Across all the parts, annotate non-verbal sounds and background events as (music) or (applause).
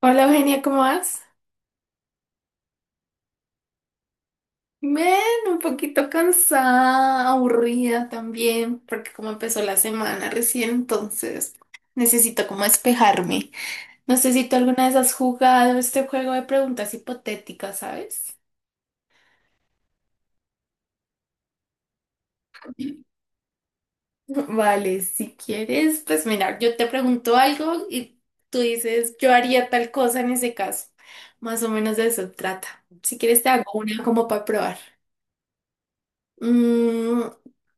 Hola Eugenia, ¿cómo vas? Bien, un poquito cansada, aburrida también, porque como empezó la semana recién, entonces necesito como despejarme. No sé si tú alguna vez has jugado este juego de preguntas hipotéticas, ¿sabes? Vale, si quieres, pues mira, yo te pregunto algo y tú dices, yo haría tal cosa en ese caso. Más o menos de eso trata. Si quieres, te hago una como para probar. Mm,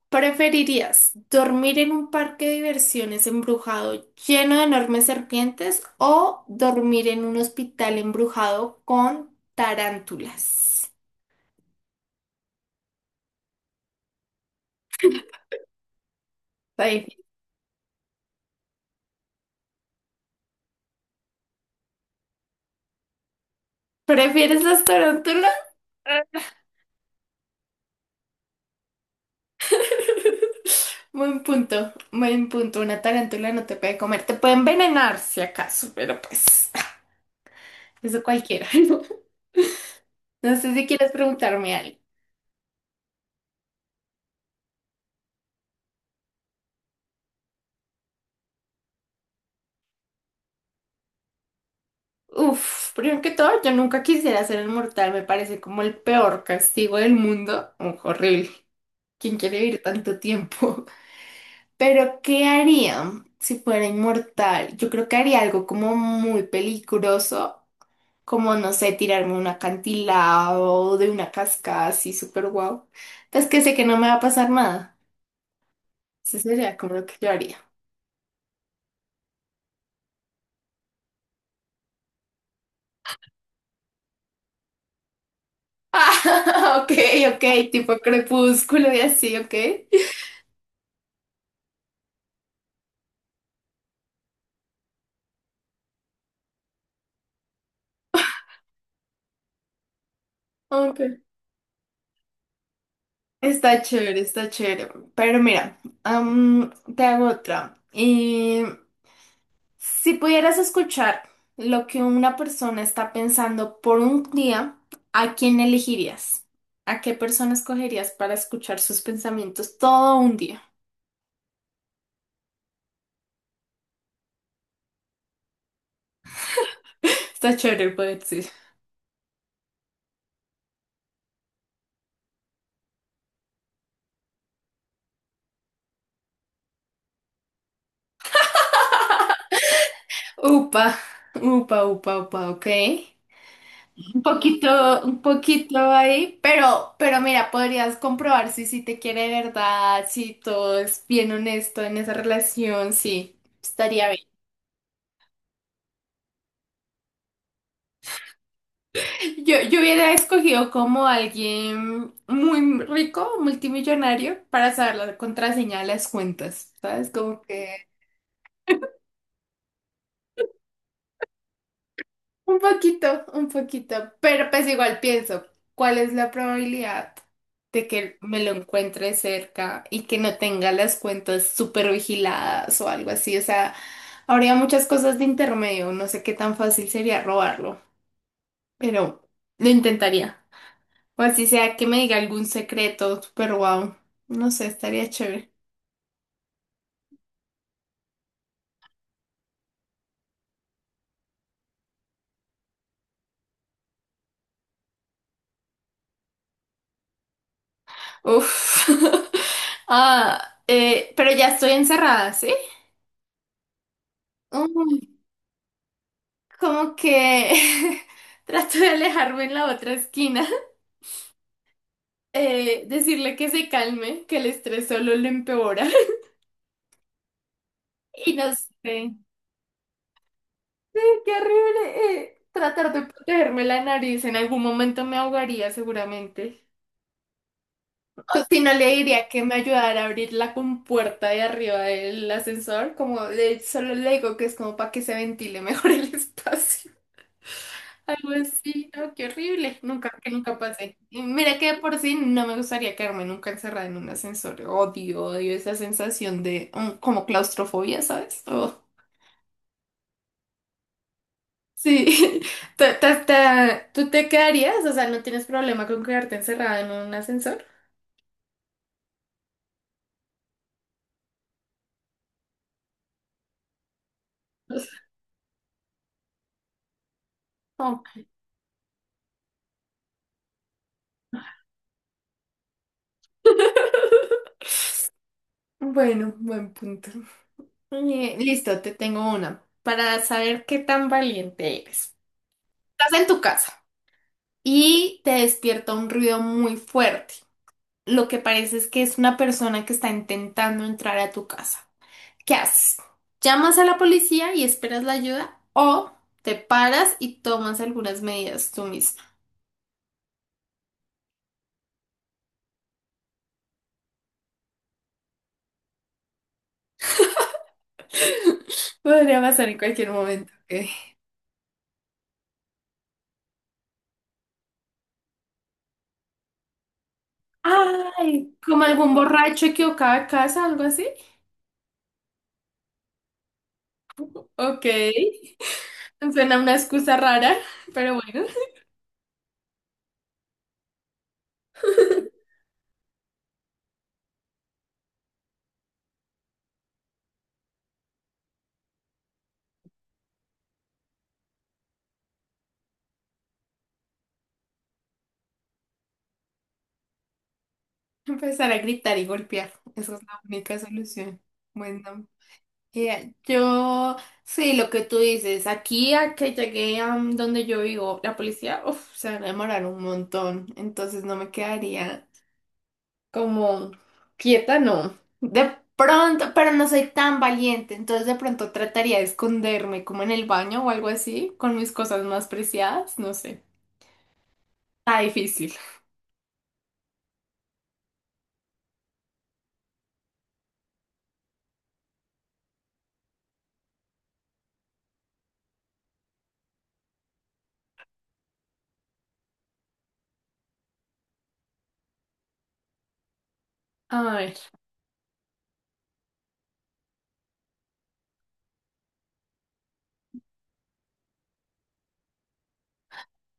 ¿preferirías dormir en un parque de diversiones embrujado lleno de enormes serpientes o dormir en un hospital embrujado con tarántulas? Está difícil. ¿Prefieres las tarántulas? (laughs) Buen punto, buen punto. Una tarántula no te puede comer, te puede envenenar si acaso, pero pues (laughs) eso cualquiera. (laughs) No sé si quieres preguntarme algo. Uf, primero que todo, yo nunca quisiera ser inmortal, me parece como el peor castigo del mundo. Uf, horrible. ¿Quién quiere vivir tanto tiempo? (laughs) Pero, ¿qué haría si fuera inmortal? Yo creo que haría algo como muy peligroso, como, no sé, tirarme a un acantilado de una cascada así súper guau. Pues que sé que no me va a pasar nada. Eso sería como lo que yo haría. (laughs) Ah, ok, ok, tipo crepúsculo y así, ok. Ok. Está chévere, está chévere. Pero mira, te hago otra. Y si pudieras escuchar lo que una persona está pensando por un día, ¿a quién elegirías? ¿A qué persona escogerías para escuchar sus pensamientos todo un día? Está chévere el poder, sí. Upa, upa, upa, upa, ok. Un poquito ahí, pero mira, podrías comprobar si te quiere de verdad, si todo es bien honesto en esa relación, sí, estaría bien. Yo hubiera escogido como alguien muy rico, multimillonario, para saber la contraseña de las cuentas, ¿sabes? Como que. Un poquito, pero pues igual pienso, ¿cuál es la probabilidad de que me lo encuentre cerca y que no tenga las cuentas súper vigiladas o algo así? O sea, habría muchas cosas de intermedio, no sé qué tan fácil sería robarlo, pero lo intentaría. O así sea que me diga algún secreto, pero wow, no sé, estaría chévere. Uf. (laughs) Ah, pero ya estoy encerrada, ¿sí? Oh. Como que (laughs) trato de alejarme en la otra esquina, decirle que se calme, que el estrés solo lo empeora. (laughs) Y no sé, sí, qué horrible. Tratar de protegerme la nariz, en algún momento me ahogaría seguramente. O si no, le diría que me ayudara a abrir la compuerta de arriba del ascensor, como de, solo le digo que es como para que se ventile mejor el (laughs) espacio. Algo así, no, qué horrible. Nunca, que nunca pasé. Y mira que de por sí no me gustaría quedarme nunca encerrada en un ascensor. Odio, odio esa sensación de como claustrofobia, ¿sabes? Oh, sí. (laughs) ¿Tú te quedarías? O sea, ¿no tienes problema con quedarte encerrada en un ascensor? (laughs) Ok. Bueno, buen punto. Listo, te tengo una. Para saber qué tan valiente eres. Estás en tu casa y te despierta un ruido muy fuerte. Lo que parece es que es una persona que está intentando entrar a tu casa. ¿Qué haces? ¿Llamas a la policía y esperas la ayuda o te paras y tomas algunas medidas tú misma? Podría pasar en cualquier momento. Ok. Ay, como algún borracho equivocado de casa, algo así. Ok, suena una excusa rara, pero bueno. Empezar a gritar y golpear. Esa es la única solución. Bueno. Ya, yo, sí, lo que tú dices, aquí a que llegué a donde yo vivo, la policía, uff, se van a demorar un montón, entonces no me quedaría como quieta, no. De pronto, pero no soy tan valiente, entonces de pronto trataría de esconderme como en el baño o algo así, con mis cosas más preciadas, no sé. Está difícil. A ver,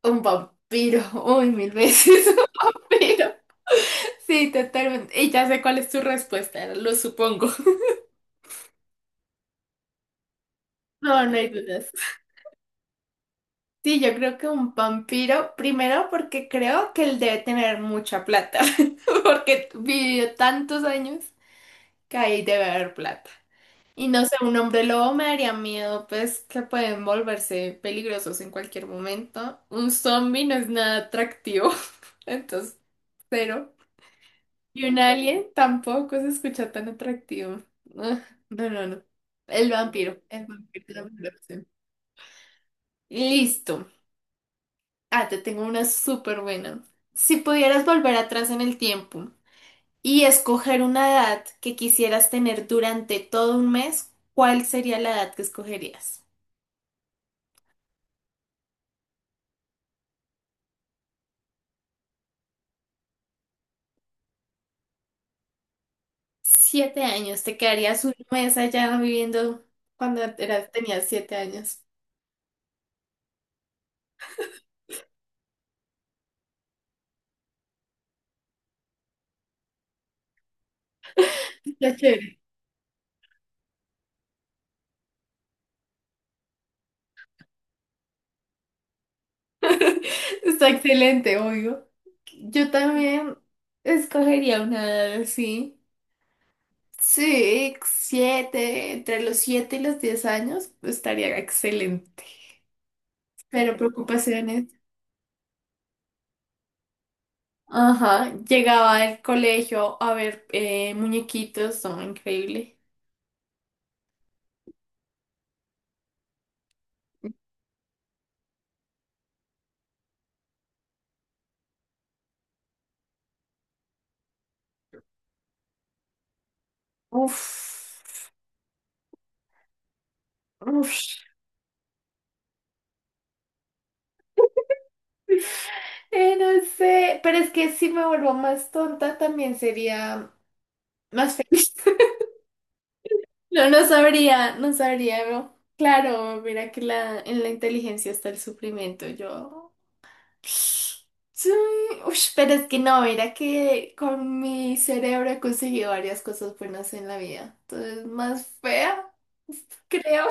un vampiro, (laughs) uy, mil veces (laughs) un vampiro. Sí, totalmente. Y ya sé cuál es tu respuesta, lo supongo. No, no hay dudas. Sí, yo creo que un vampiro, primero porque creo que él debe tener mucha plata, (laughs) porque vivió tantos años que ahí debe haber plata. Y no sé, un hombre lobo me daría miedo, pues que pueden volverse peligrosos en cualquier momento. Un zombie no es nada atractivo, (laughs) entonces cero. Y un alien tampoco se escucha tan atractivo. Ah, no, no, no. El vampiro es la mejor opción. Listo. Ah, te tengo una súper buena. Si pudieras volver atrás en el tiempo y escoger una edad que quisieras tener durante todo un mes, ¿cuál sería la edad que escogerías? 7 años, te quedarías un mes allá viviendo cuando eras, tenías 7 años. Está chévere. (laughs) Está excelente, obvio. Yo también escogería una edad así. Sí, siete, entre los 7 y los 10 años, estaría excelente. Pero preocupaciones. Ajá, llegaba al colegio a ver muñequitos, son increíble. Uf, uf. No sé, pero es que si me vuelvo más tonta también sería más feliz. (laughs) No, no sabría, no sabría, no. Claro, mira que la, en la inteligencia está el sufrimiento, yo. Sí, ush, pero es que no, mira que con mi cerebro he conseguido varias cosas buenas en la vida. Entonces, más fea, creo.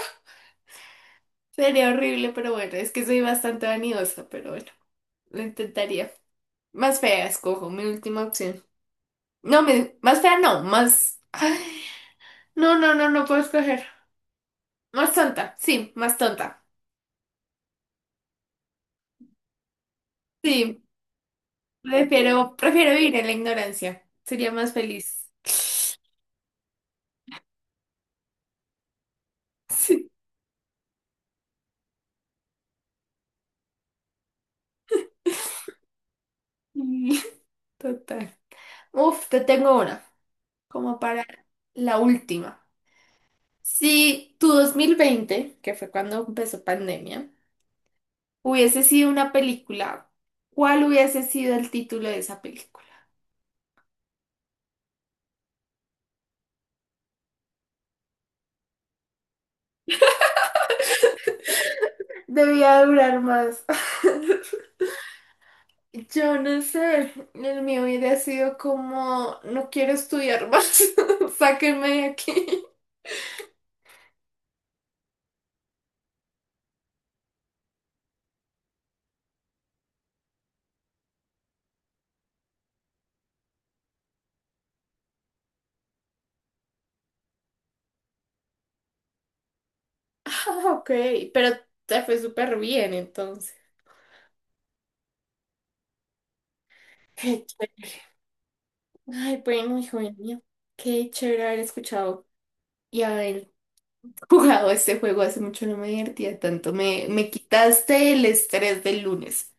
Sería horrible, pero bueno, es que soy bastante vanidosa, pero bueno, lo intentaría. Más fea, escojo mi última opción. No, más fea no, más. Ay, no, no, no, no puedo escoger. Más tonta. Sí, prefiero vivir en la ignorancia. Sería más feliz. (laughs) Sí, total. Uf, te tengo una, como para la última. Si tu 2020, que fue cuando empezó pandemia, hubiese sido una película. ¿Cuál hubiese sido el título de esa película? Debía durar más. (laughs) Yo no sé, el mío hubiera sido como, no quiero estudiar más, (laughs) sáquenme de aquí. (laughs) Ah, ok, pero te fue súper bien entonces. Qué chévere. Ay, bueno, hijo mío, qué chévere haber escuchado y haber (laughs) jugado este juego. Hace mucho no me divertía tanto, me quitaste el estrés del lunes.